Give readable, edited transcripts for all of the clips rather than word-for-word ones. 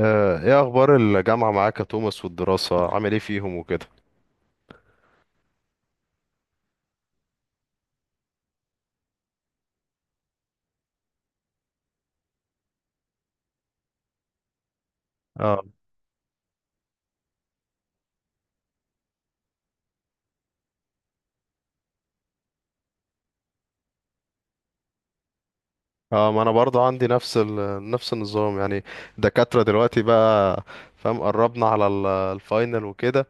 آه، ايه اخبار الجامعة معاك يا توماس، والدراسة عامل ايه فيهم وكده؟ اه. اه، ما انا برضه عندي نفس النظام يعني. الدكاترة دلوقتي بقى، فاهم، قربنا على الفاينل وكده.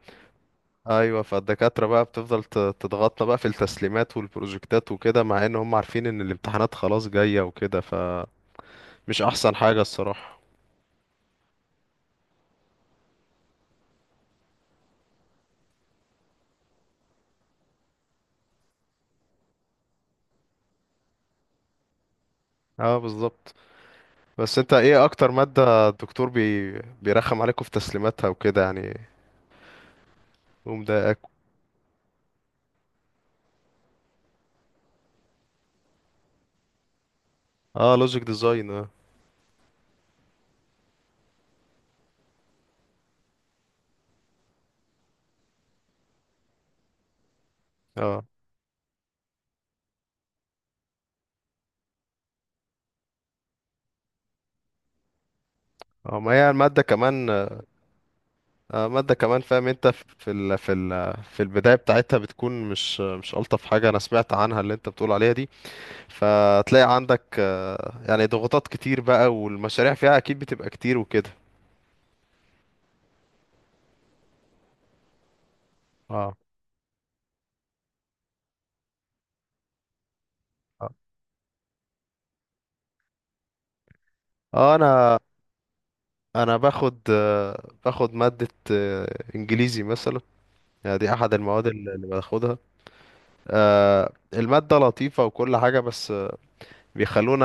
ايوه، فالدكاترة بقى بتفضل تضغطنا بقى في التسليمات والبروجكتات وكده، مع ان هم عارفين ان الامتحانات خلاص جاية وكده، فمش احسن حاجة الصراحة. اه، بالظبط. بس انت ايه اكتر مادة الدكتور بيرخم عليكم في تسليماتها وكده يعني، ومضايقك؟ اه، لوجيك ديزاين. اه. اه، ما هي المادة كمان. مادة كمان، فاهم، انت في البداية بتاعتها بتكون مش ألطف حاجة انا سمعت عنها، اللي انت بتقول عليها دي. فتلاقي عندك، يعني ضغوطات كتير بقى، والمشاريع فيها اكيد بتبقى كتير وكده. اه. اه. آه، انا انا باخد مادة انجليزي مثلا. يعني دي احد المواد اللي باخدها. المادة لطيفة وكل حاجة، بس بيخلونا.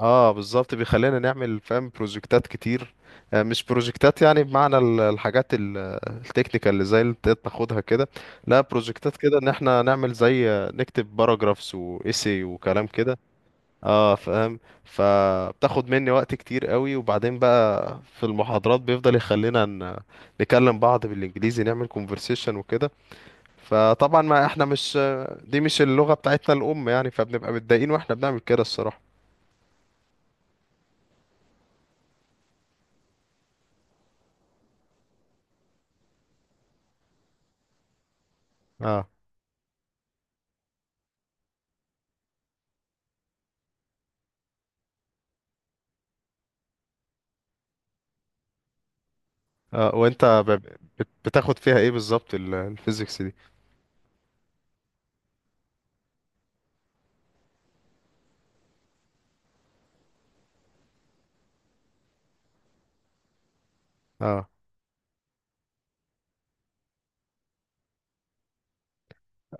اه، بالظبط، بيخلينا نعمل، فاهم، بروجكتات كتير. مش بروجكتات، يعني بمعنى الحاجات التكنيكال اللي زي اللي انت بتاخدها كده. لا، بروجكتات كده ان احنا نعمل زي، نكتب باراجرافز وايسي وكلام كده. اه، فاهم، فبتاخد مني وقت كتير قوي. وبعدين بقى في المحاضرات بيفضل يخلينا نكلم بعض بالانجليزي، نعمل كونفرسيشن وكده. فطبعا ما احنا مش، دي مش اللغة بتاعتنا الام يعني، فبنبقى متضايقين واحنا بنعمل كده الصراحة. آه. اه، وانت بتاخد فيها ايه بالظبط الفيزيكس دي؟ اه.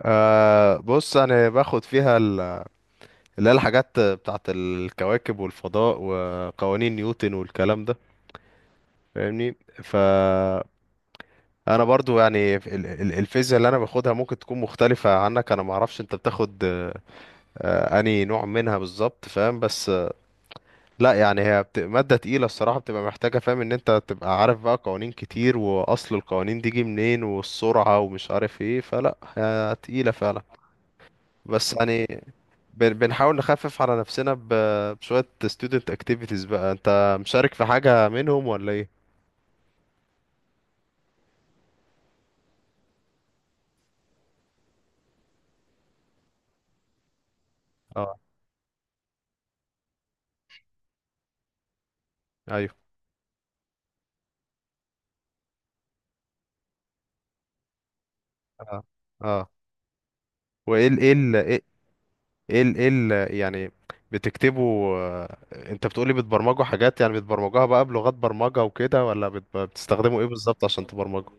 بص انا باخد فيها اللي هي الحاجات بتاعت الكواكب والفضاء وقوانين نيوتن والكلام ده، فاهمني. ف انا برضو يعني الفيزياء اللي انا باخدها ممكن تكون مختلفة عنك. انا ما اعرفش انت بتاخد انهي نوع منها بالظبط، فاهم. بس لا، يعني هي مادة تقيلة الصراحة، بتبقى محتاجة، فاهم، ان انت تبقى عارف بقى قوانين كتير، واصل القوانين دي جه منين والسرعة ومش عارف ايه، فلا هي تقيلة فعلا. بس يعني بنحاول نخفف على نفسنا بشوية student activities. بقى انت مشارك في حاجة منهم ولا ايه؟ اه. ايوه. اه. اه. وايه ال ايه ال ايه ايه ال إيه ال- يعني بتكتبوا، انت بتقولي، بتبرمجوا حاجات يعني، بتبرمجوها بقى بلغات برمجة وكده، ولا بتستخدموا ايه بالظبط عشان تبرمجوا؟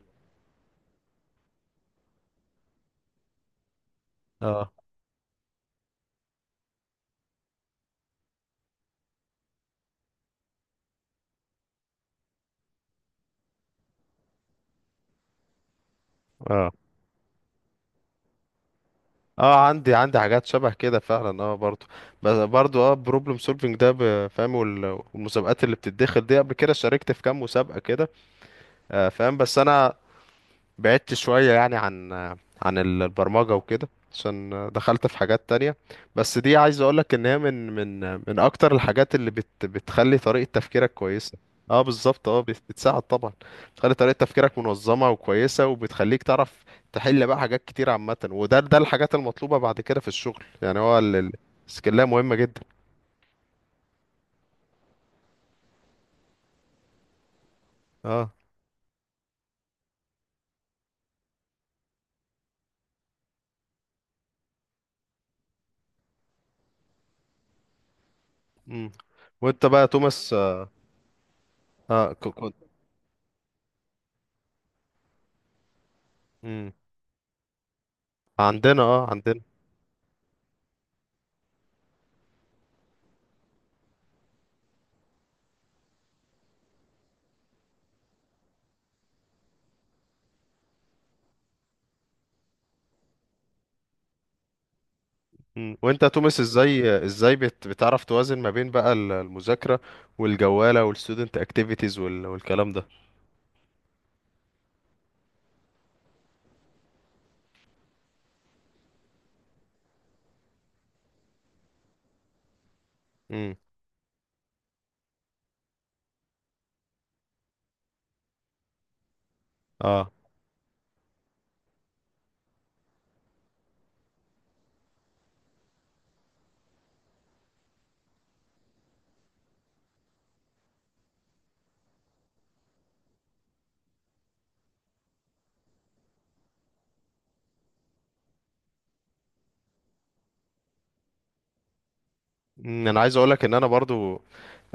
اه. اه، عندي حاجات شبه كده فعلا، اه برضو. بس برضو اه بروبلم سولفنج ده، فاهم، والمسابقات اللي بتتدخل دي، قبل كده شاركت في كام مسابقة كده. فاهم، بس انا بعدت شوية يعني عن البرمجة وكده عشان دخلت في حاجات تانية. بس دي عايز اقولك ان هي من اكتر الحاجات اللي بتخلي طريقة تفكيرك كويسة. اه، بالظبط. اه، بتساعد طبعا. بتخلي طريقة تفكيرك منظمة وكويسة، وبتخليك تعرف تحل بقى حاجات كتير عامة. وده الحاجات المطلوبة بعد كده في الشغل يعني، هو السكيلية مهمة جدا. اه. امم وانت بقى يا توماس. اه، كنت. امم عندنا. اه، عندنا. مم. وانت يا توماس، ازاي بتعرف توازن ما بين بقى المذاكرة والجوالة والستودنت اكتيفيتيز والكلام ده؟ امم اه. مم. انا عايز اقولك ان انا برضو،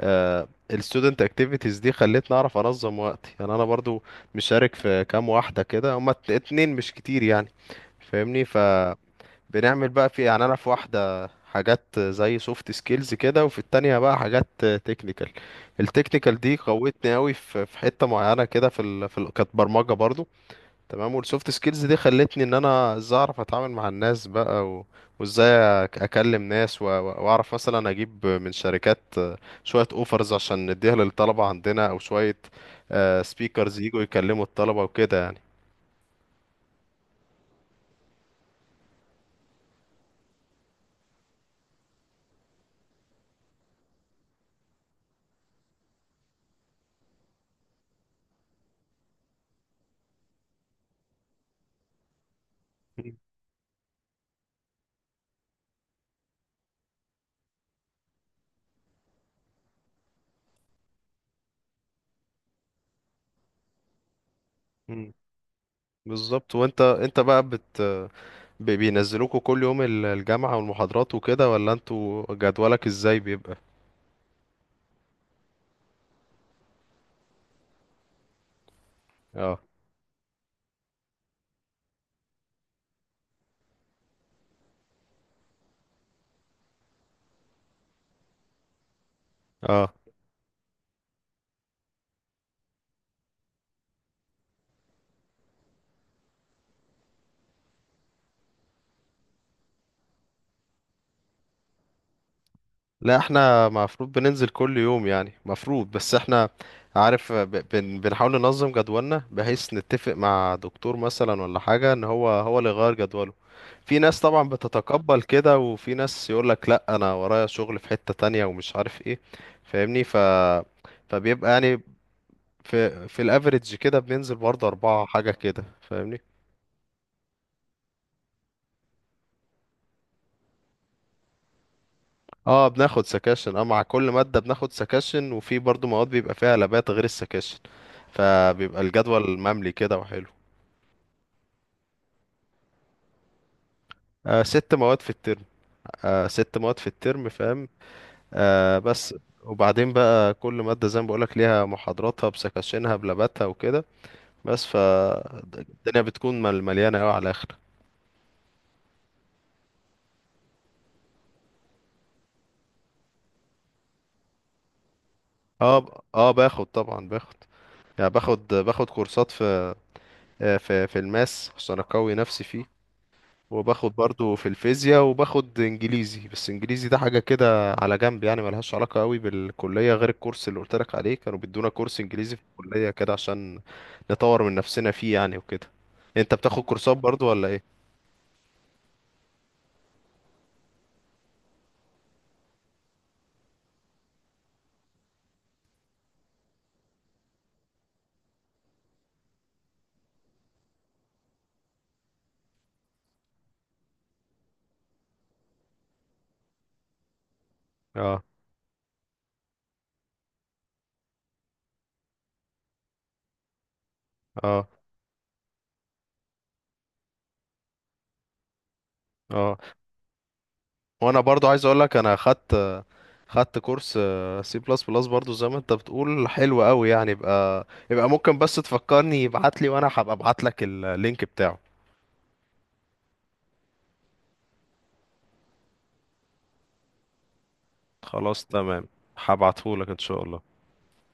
الستودنت اكتيفيتيز دي خلتني اعرف انظم وقتي يعني، انا برضو مشارك في كام واحدة كده، هما اتنين، مش كتير يعني، فاهمني. بنعمل بقى في، يعني، انا في واحده حاجات زي سوفت سكيلز كده، وفي التانية بقى حاجات تكنيكال. التكنيكال دي قوتني قوي في حته معينه كده، كانت برمجه برضو. تمام. والسوفت سكيلز دي خلتني ان انا ازاي اعرف اتعامل مع الناس بقى، وازاي اكلم ناس، واعرف مثلا اجيب من شركات شويه اوفرز عشان نديها للطلبه عندنا، او شويه سبيكرز يجوا يكلموا الطلبه وكده يعني. مم. بالظبط. وانت بقى بينزلوكوا كل يوم الجامعة والمحاضرات وكده، ولا انتوا جدولك ازاي بيبقى؟ اه. اه. لا احنا المفروض بننزل كل يوم يعني، مفروض، بس احنا، عارف، ب- بن بنحاول ننظم جدولنا بحيث نتفق مع دكتور مثلا ولا حاجة، ان هو اللي يغير جدوله. في ناس طبعا بتتقبل كده، وفي ناس يقولك لا انا ورايا شغل في حتة تانية ومش عارف ايه، فاهمني. فبيبقى يعني في الافريج كده بننزل برضه أربعة حاجة كده، فاهمني. اه، بناخد سكاشن، مع كل مادة بناخد سكاشن، وفي برضو مواد بيبقى فيها لابات غير السكاشن، فبيبقى الجدول مملي كده وحلو. ست مواد في الترم. فاهم. بس، وبعدين بقى كل مادة زي ما بقولك ليها محاضراتها بسكاشنها بلاباتها وكده بس، فالدنيا بتكون مليانة اوي على الآخر. اه. باخد طبعا، باخد، يعني باخد كورسات في، في الماس عشان اقوي نفسي فيه. وباخد برضو في الفيزياء، وباخد انجليزي. بس انجليزي ده حاجة كده على جنب يعني، ملهاش علاقة قوي بالكلية، غير الكورس اللي قلتلك عليه، كانوا بيدونا كورس انجليزي في الكلية كده عشان نطور من نفسنا فيه يعني وكده. انت بتاخد كورسات برضو ولا ايه؟ اه. اه. اه. وانا برضو عايز اقول لك، انا خدت كورس سي بلس بلس برضو. زي ما انت بتقول حلو قوي يعني. يبقى ممكن بس تفكرني ابعت لي وانا هبقى ابعت لك اللينك بتاعه. خلاص تمام، هبعته لك ان شاء الله.